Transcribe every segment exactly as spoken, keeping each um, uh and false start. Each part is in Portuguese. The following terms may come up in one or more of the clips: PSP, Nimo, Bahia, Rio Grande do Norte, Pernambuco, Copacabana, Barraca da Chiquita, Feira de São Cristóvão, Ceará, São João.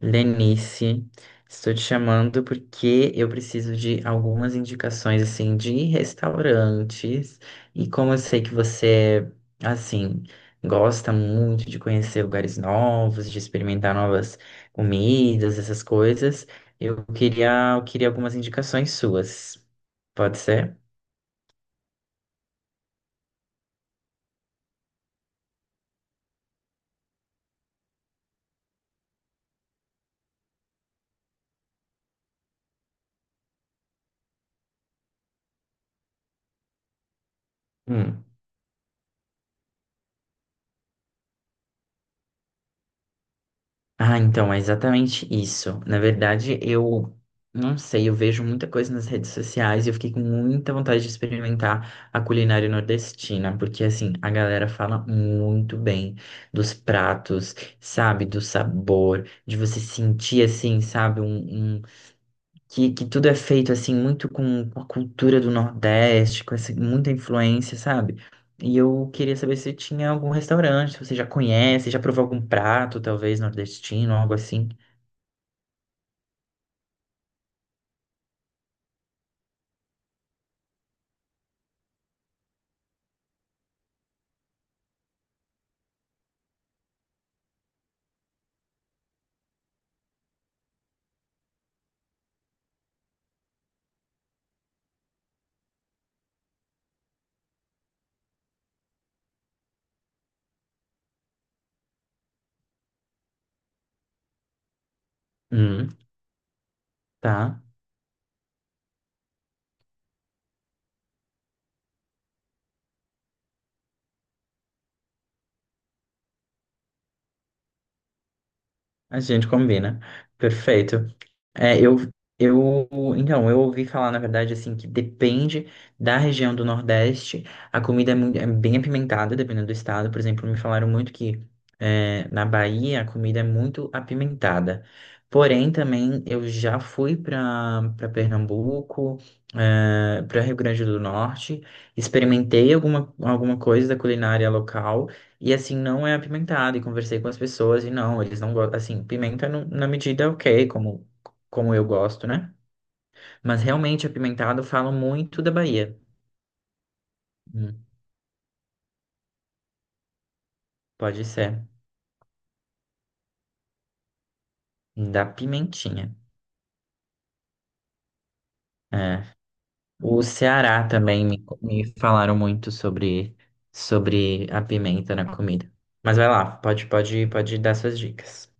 Lenice, estou te chamando porque eu preciso de algumas indicações assim de restaurantes e como eu sei que você é, assim gosta muito de conhecer lugares novos, de experimentar novas comidas, essas coisas, eu queria eu queria algumas indicações suas. Pode ser? Ah, então, é exatamente isso. Na verdade, eu não sei, eu vejo muita coisa nas redes sociais e eu fiquei com muita vontade de experimentar a culinária nordestina, porque assim, a galera fala muito bem dos pratos, sabe, do sabor, de você sentir assim, sabe, um, um que, que tudo é feito assim muito com, com a cultura do Nordeste, com essa, muita influência, sabe? E eu queria saber se tinha algum restaurante, se você já conhece, já provou algum prato, talvez nordestino, algo assim. Hum, tá. A gente combina. Perfeito. É, eu, eu, então, eu ouvi falar, na verdade, assim, que depende da região do Nordeste, a comida é, mui- é bem apimentada, dependendo do estado. Por exemplo, me falaram muito que é, na Bahia a comida é muito apimentada. Porém, também eu já fui para para Pernambuco, para Rio Grande do Norte, experimentei alguma, alguma coisa da culinária local. E assim, não é apimentado. E conversei com as pessoas e não, eles não gostam. Assim, pimenta no- na medida ok, como como eu gosto, né? Mas realmente apimentado falam muito da Bahia. Hum, pode ser. Da pimentinha. É. O Ceará também me, me falaram muito sobre, sobre a pimenta na comida. Mas vai lá, pode, pode, pode dar suas dicas.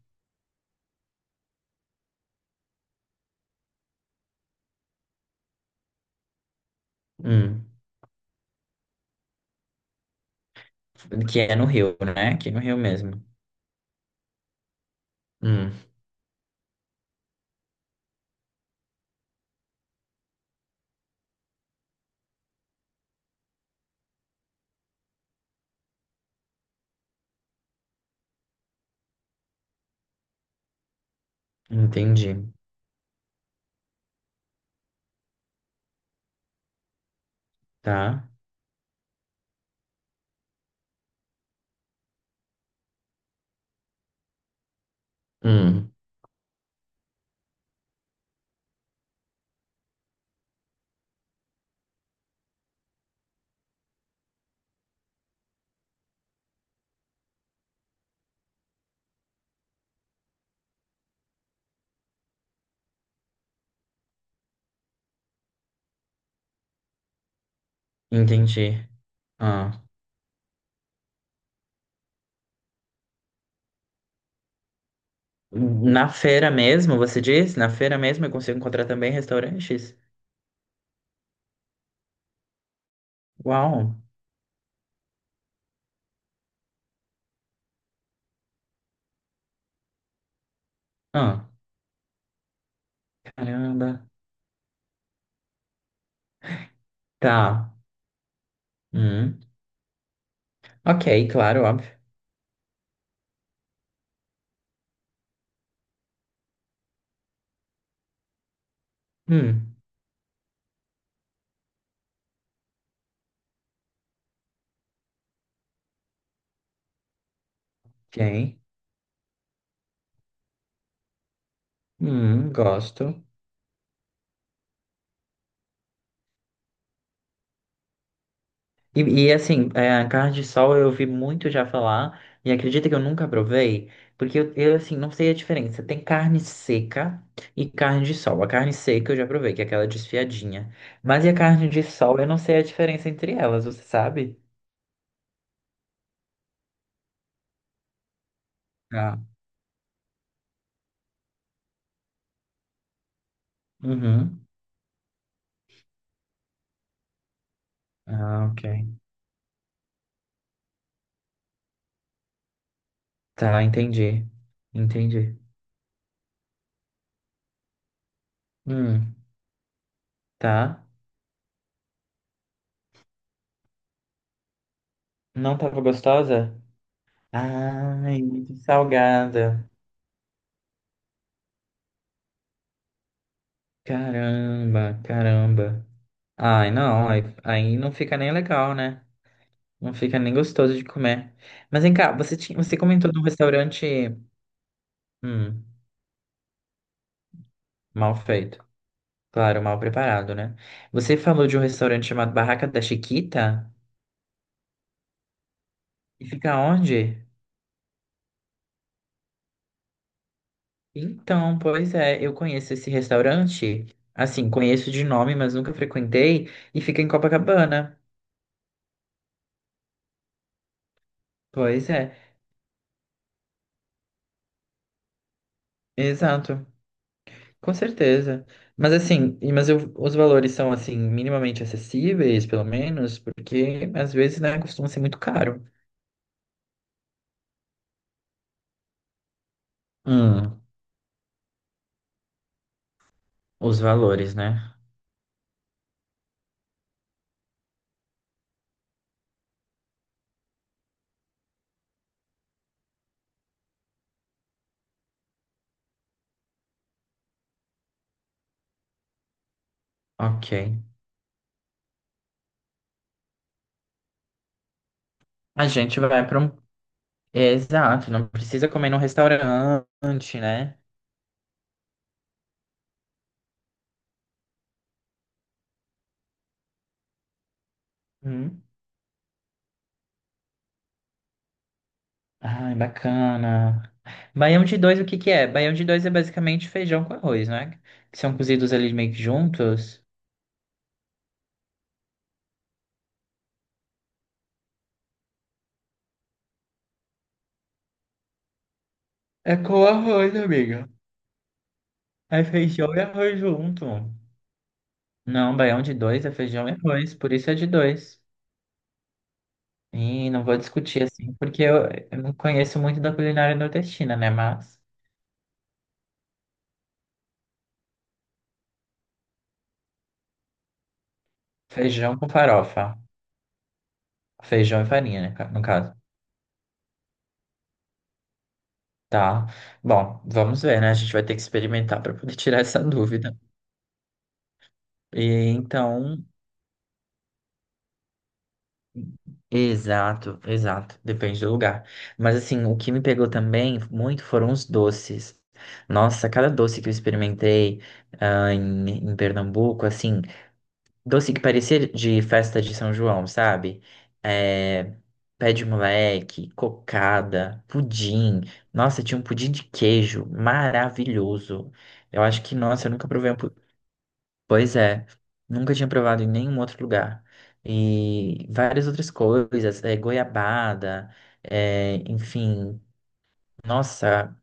Hum. Que é no Rio, né? Aqui no Rio mesmo. Hum. Entendi. Tá? Hum. Entendi. Ah. Na feira mesmo, você diz? Na feira mesmo eu consigo encontrar também restaurantes? Uau! Ah. Caramba. Tá. Hum. Ok, claro, óbvio. Hum. Ok. Hum, gosto. E, e, assim, é, carne de sol eu ouvi muito já falar e acredita que eu nunca provei, porque eu, eu, assim, não sei a diferença. Tem carne seca e carne de sol. A carne seca eu já provei, que é aquela desfiadinha. Mas e a carne de sol, eu não sei a diferença entre elas, você sabe? Tá. Uhum. Ah, ok. Tá, entendi. Entendi. Hum, tá. Não tava gostosa? Ai, muito salgada. Caramba, caramba. Ai, não, aí, aí não fica nem legal, né? Não fica nem gostoso de comer. Mas vem cá, você tinha, você comentou de um restaurante, hum, mal feito. Claro, mal preparado, né? Você falou de um restaurante chamado Barraca da Chiquita? E fica onde? Então, pois é, eu conheço esse restaurante. Assim, conheço de nome, mas nunca frequentei. E fica em Copacabana. Pois é, exato. Com certeza. Mas assim, e- mas eu- os valores são assim, minimamente acessíveis, pelo menos, porque às vezes, né, costuma ser muito caro. Hum, os valores, né? Ok. A gente vai para um. É, exato, não precisa comer num restaurante, né? Hum. Ai, bacana. Baião de dois, o que que é? Baião de dois é basicamente feijão com arroz, né? Que são cozidos ali meio que juntos. É com arroz, amiga. É feijão e arroz junto. Não, baião de dois é feijão e arroz, por isso é de dois. E não vou discutir assim, porque eu, eu não conheço muito da culinária nordestina, né? Mas feijão com farofa, feijão e farinha, né, ca- no caso. Tá. Bom, vamos ver, né? A gente vai ter que experimentar para poder tirar essa dúvida. E então, exato, exato, depende do lugar. Mas assim, o que me pegou também muito foram os doces. Nossa, cada doce que eu experimentei ah, em, em Pernambuco, assim. Doce que parecia de festa de São João, sabe? É, pé de moleque, cocada, pudim. Nossa, tinha um pudim de queijo maravilhoso. Eu acho que, nossa, eu nunca provei um pudim. Pois é, nunca tinha provado em nenhum outro lugar. E várias outras coisas, é, goiabada, é, enfim. Nossa,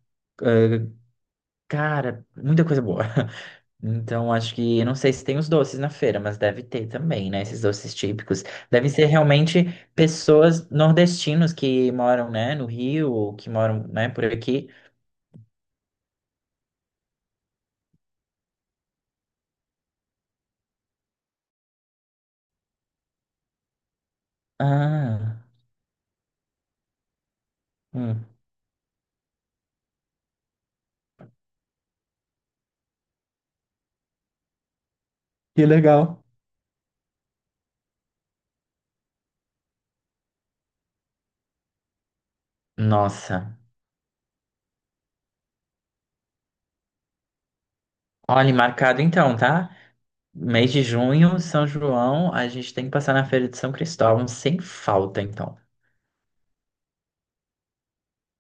eh, cara, muita coisa boa. Então, acho que, eu não sei se tem os doces na feira, mas deve ter também, né? Esses doces típicos. Devem ser realmente pessoas nordestinos que moram, né, no Rio, ou que moram, né, por aqui. Ah, hum. Que legal. Nossa. Olha, marcado então, tá? Mês de junho, São João, a gente tem que passar na Feira de São Cristóvão sem falta, então.